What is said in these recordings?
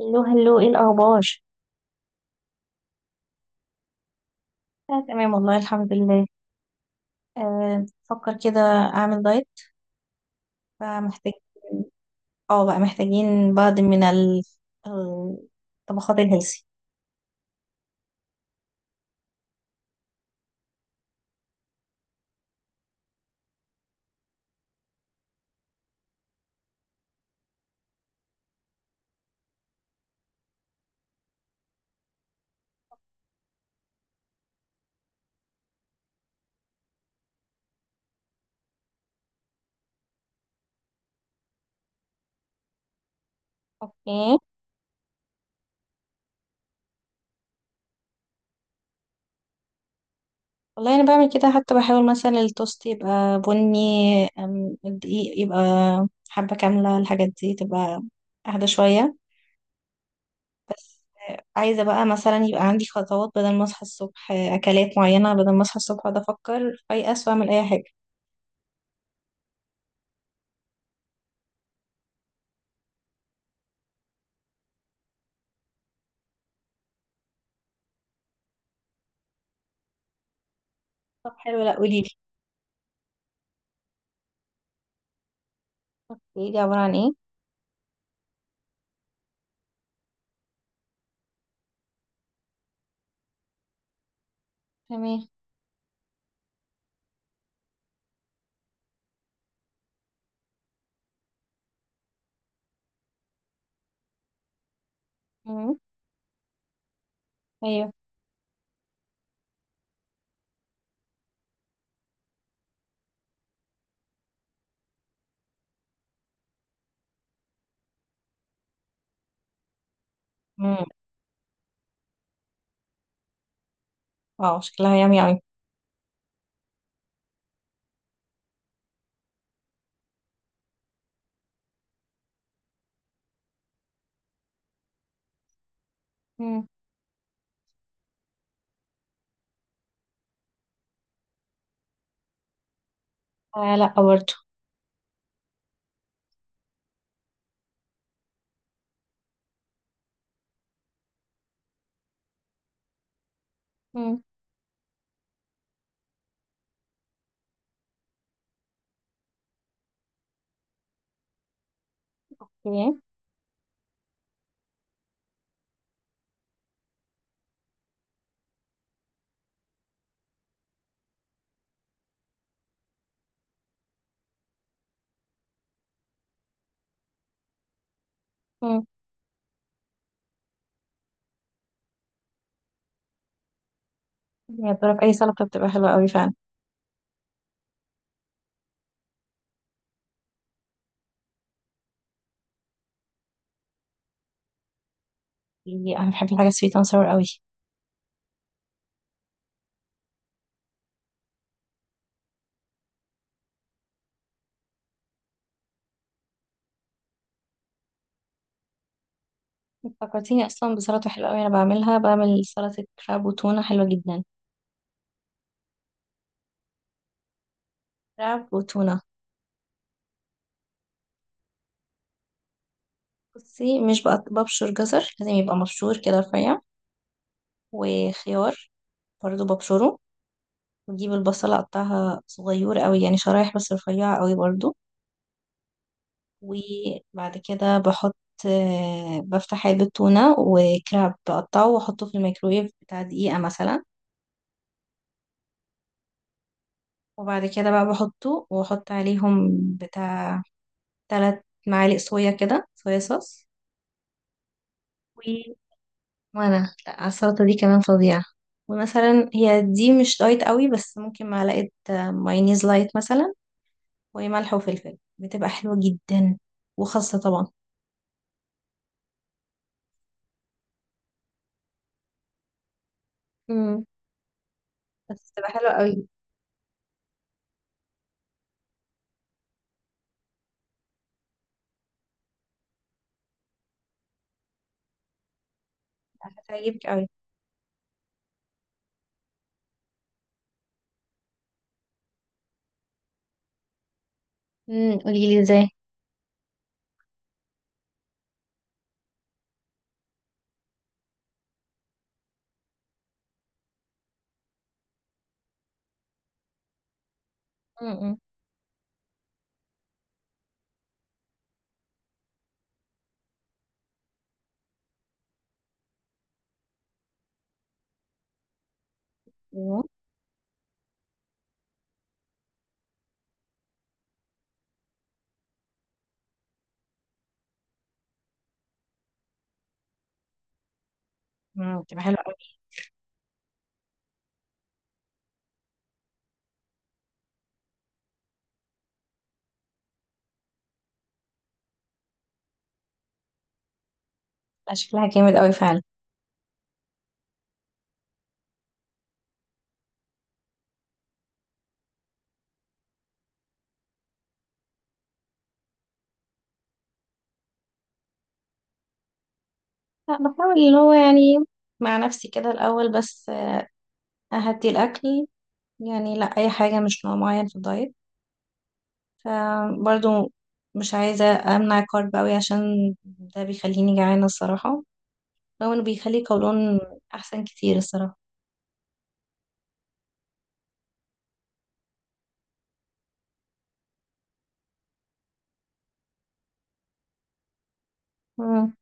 هلو هلو، ايه الاخبار؟ آه، تمام، والله الحمد لله. آه، بفكر كده اعمل دايت. فمحتاج. اه، بقى محتاجين بعض من الطبخات الهيلثي. اوكي. والله انا بعمل كده، حتى بحاول مثلا التوست يبقى بني. الدقيق يبقى حبة كاملة، الحاجات دي تبقى اهدى شوية. عايزة بقى مثلا يبقى عندي خطوات، بدل ما اصحى الصبح اكلات معينة، بدل ما اصحى الصبح اقعد افكر فايقة واعمل اي حاجة. طب حلو، لا قوليلي. قوليلي عبارة عن ايه؟ تمام. مم. ايوه. مم. اه، شكلها يامي اوي. مم. آه، لا برضه. مم. اوكي. مم. هي بتعرف، اي سلطه بتبقى حلوه قوي فعلا. انا بحب الحاجه سويت اند sour قوي. فكرتيني اصلا بسلطه حلوه قوي، انا بعملها، بعمل سلطه كراب وتونه حلوه جدا. كراب وتونه. بصي، مش ببشر جزر، لازم يبقى مبشور كده رفيع. وخيار. برضه ببشره. وأجيب البصلة أقطعها صغيرة قوي، يعني شرايح بس رفيعة قوي برضه. وبعد كده بحط. بفتح علبة تونة وكراب، بقطعه واحطه في الميكرويف بتاع دقيقة مثلا. وبعد كده بقى بحطه واحط عليهم. بتاع 3 معالق صويا كده، صويا صوص. و... وانا لا على السلطة دي كمان فظيعة. ومثلا هي دي مش دايت قوي، بس ممكن معلقة مايونيز لايت مثلا. وملح وفلفل، بتبقى حلوة جدا. وخاصة طبعا. امم. بس بتبقى حلوة قوي. هتعجبك قوي. قوليلي. ازاي؟ مم. بتبقى حلوة أوي. لا، شكلها جامد أوي فعلا. لا، بحاول اللي هو يعني. مع نفسي كده الأول بس. أهدي الأكل. يعني لا، أي حاجة، مش نوع معين في الدايت. فبرضه. مش عايزة. أمنع كارب أوي، عشان ده بيخليني جعانة الصراحة. رغم إنه بيخلي قولون. أحسن كتير الصراحة. مم.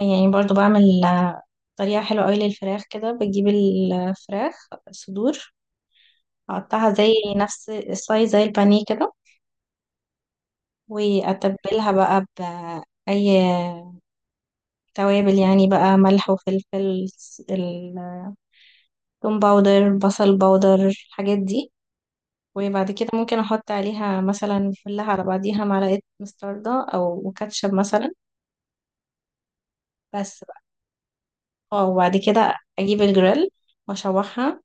يعني برضه بعمل طريقة حلوة أوي للفراخ، كده بجيب الفراخ صدور. أقطعها زي نفس السايز زي البانيه كده. واتبلها بقى باي. توابل، يعني بقى ملح وفلفل، التوم باودر، بصل باودر، الحاجات دي. وبعد كده ممكن احط عليها مثلا، فلها على بعضيها معلقه مستردة او كاتشب مثلا. بس بقى. اه، وبعد كده اجيب الجريل. واشوحها.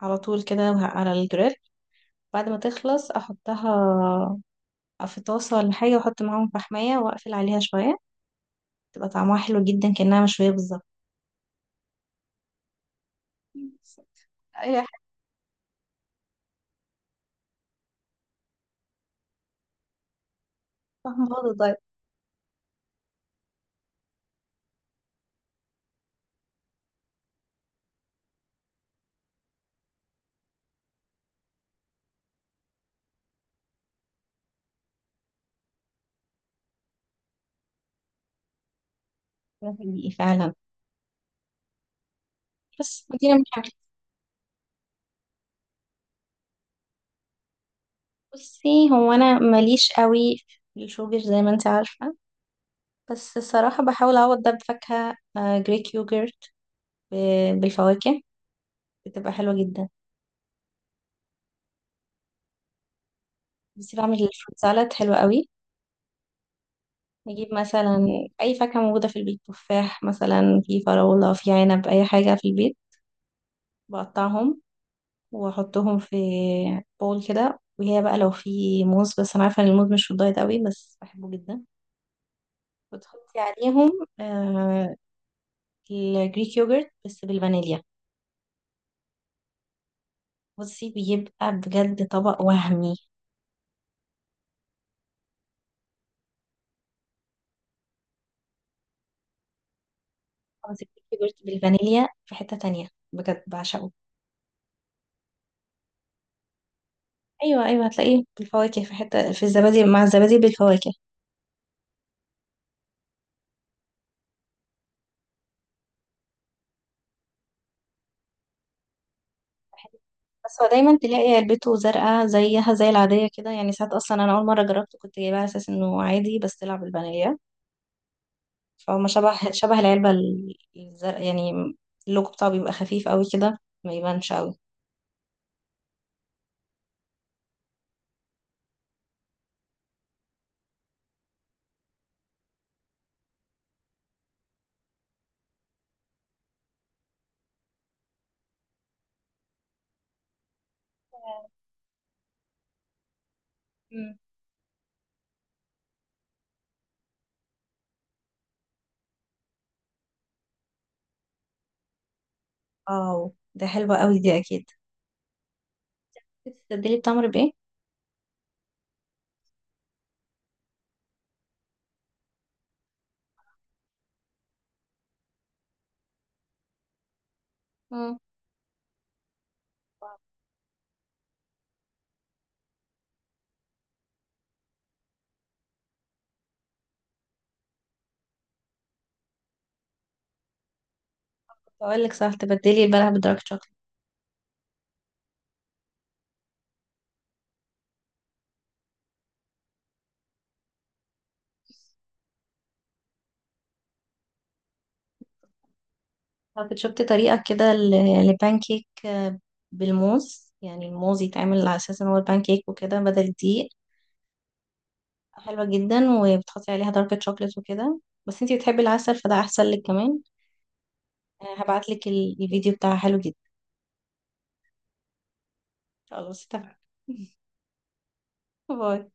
على طول كده على الجريل. بعد ما تخلص احطها. في طاسه ولا حاجه، واحط معاهم فحمايه واقفل عليها شويه. تبقى طعمها حلو جدا، كأنها مشويه بالظبط. فاهمة برضه، طيب. ده حقيقي فعلا. بس مدينة من حاجة. بصي، هو أنا ماليش قوي في الشوجر، زي ما انت عارفة. بس الصراحة بحاول أعوض ده بفاكهة، جريك يوجرت. بالفواكه. بتبقى حلوة جدا. بس بعمل الفروت سالاد حلوة قوي. نجيب مثلا. أي فاكهة موجودة في البيت، تفاح مثلا، في فراولة، في عنب، أي حاجة في البيت. بقطعهم. وأحطهم في بول كده. وهي بقى لو في موز، بس أنا عارفة إن الموز مش في الدايت قوي، بس بحبه جدا. وتحطي عليهم آه الجريك يogurt بس بالفانيليا. بصي، بيبقى بجد طبق وهمي. خلاص، الجريك يogurt بالفانيليا في حتة تانية. بجد بعشقه. أيوة، أيوة، هتلاقيه بالفواكه في حتة، في الزبادي، مع الزبادي بالفواكه. بس هو دايما تلاقي علبته زرقاء، زيها زي العادية كده. يعني ساعات أصلا، أنا أول مرة جربته كنت جايباه على أساس إنه عادي، بس طلع بالفانيليا. فهو شبه العلبة الزرقاء يعني. اللوجو بتاعه بيبقى خفيف قوي كده. ما يبانش قوي. اه، ده حلوة قوي دي، اكيد. تبدلي التمر بايه؟ مم. كنت اقول لك، صح، تبدلي البلح بدارك شوكليت. طب شفتي طريقة كده لبانكيك بالموز، يعني الموز يتعمل على اساس ان هو البانكيك وكده بدل الدقيق. حلوة جدا، وبتحطي عليها دارك شوكليت وكده. بس انتي بتحبي العسل، فده احسن لك كمان. هبعتلك الفيديو بتاعها حلو جدا. خلاص، اتفقنا. باي.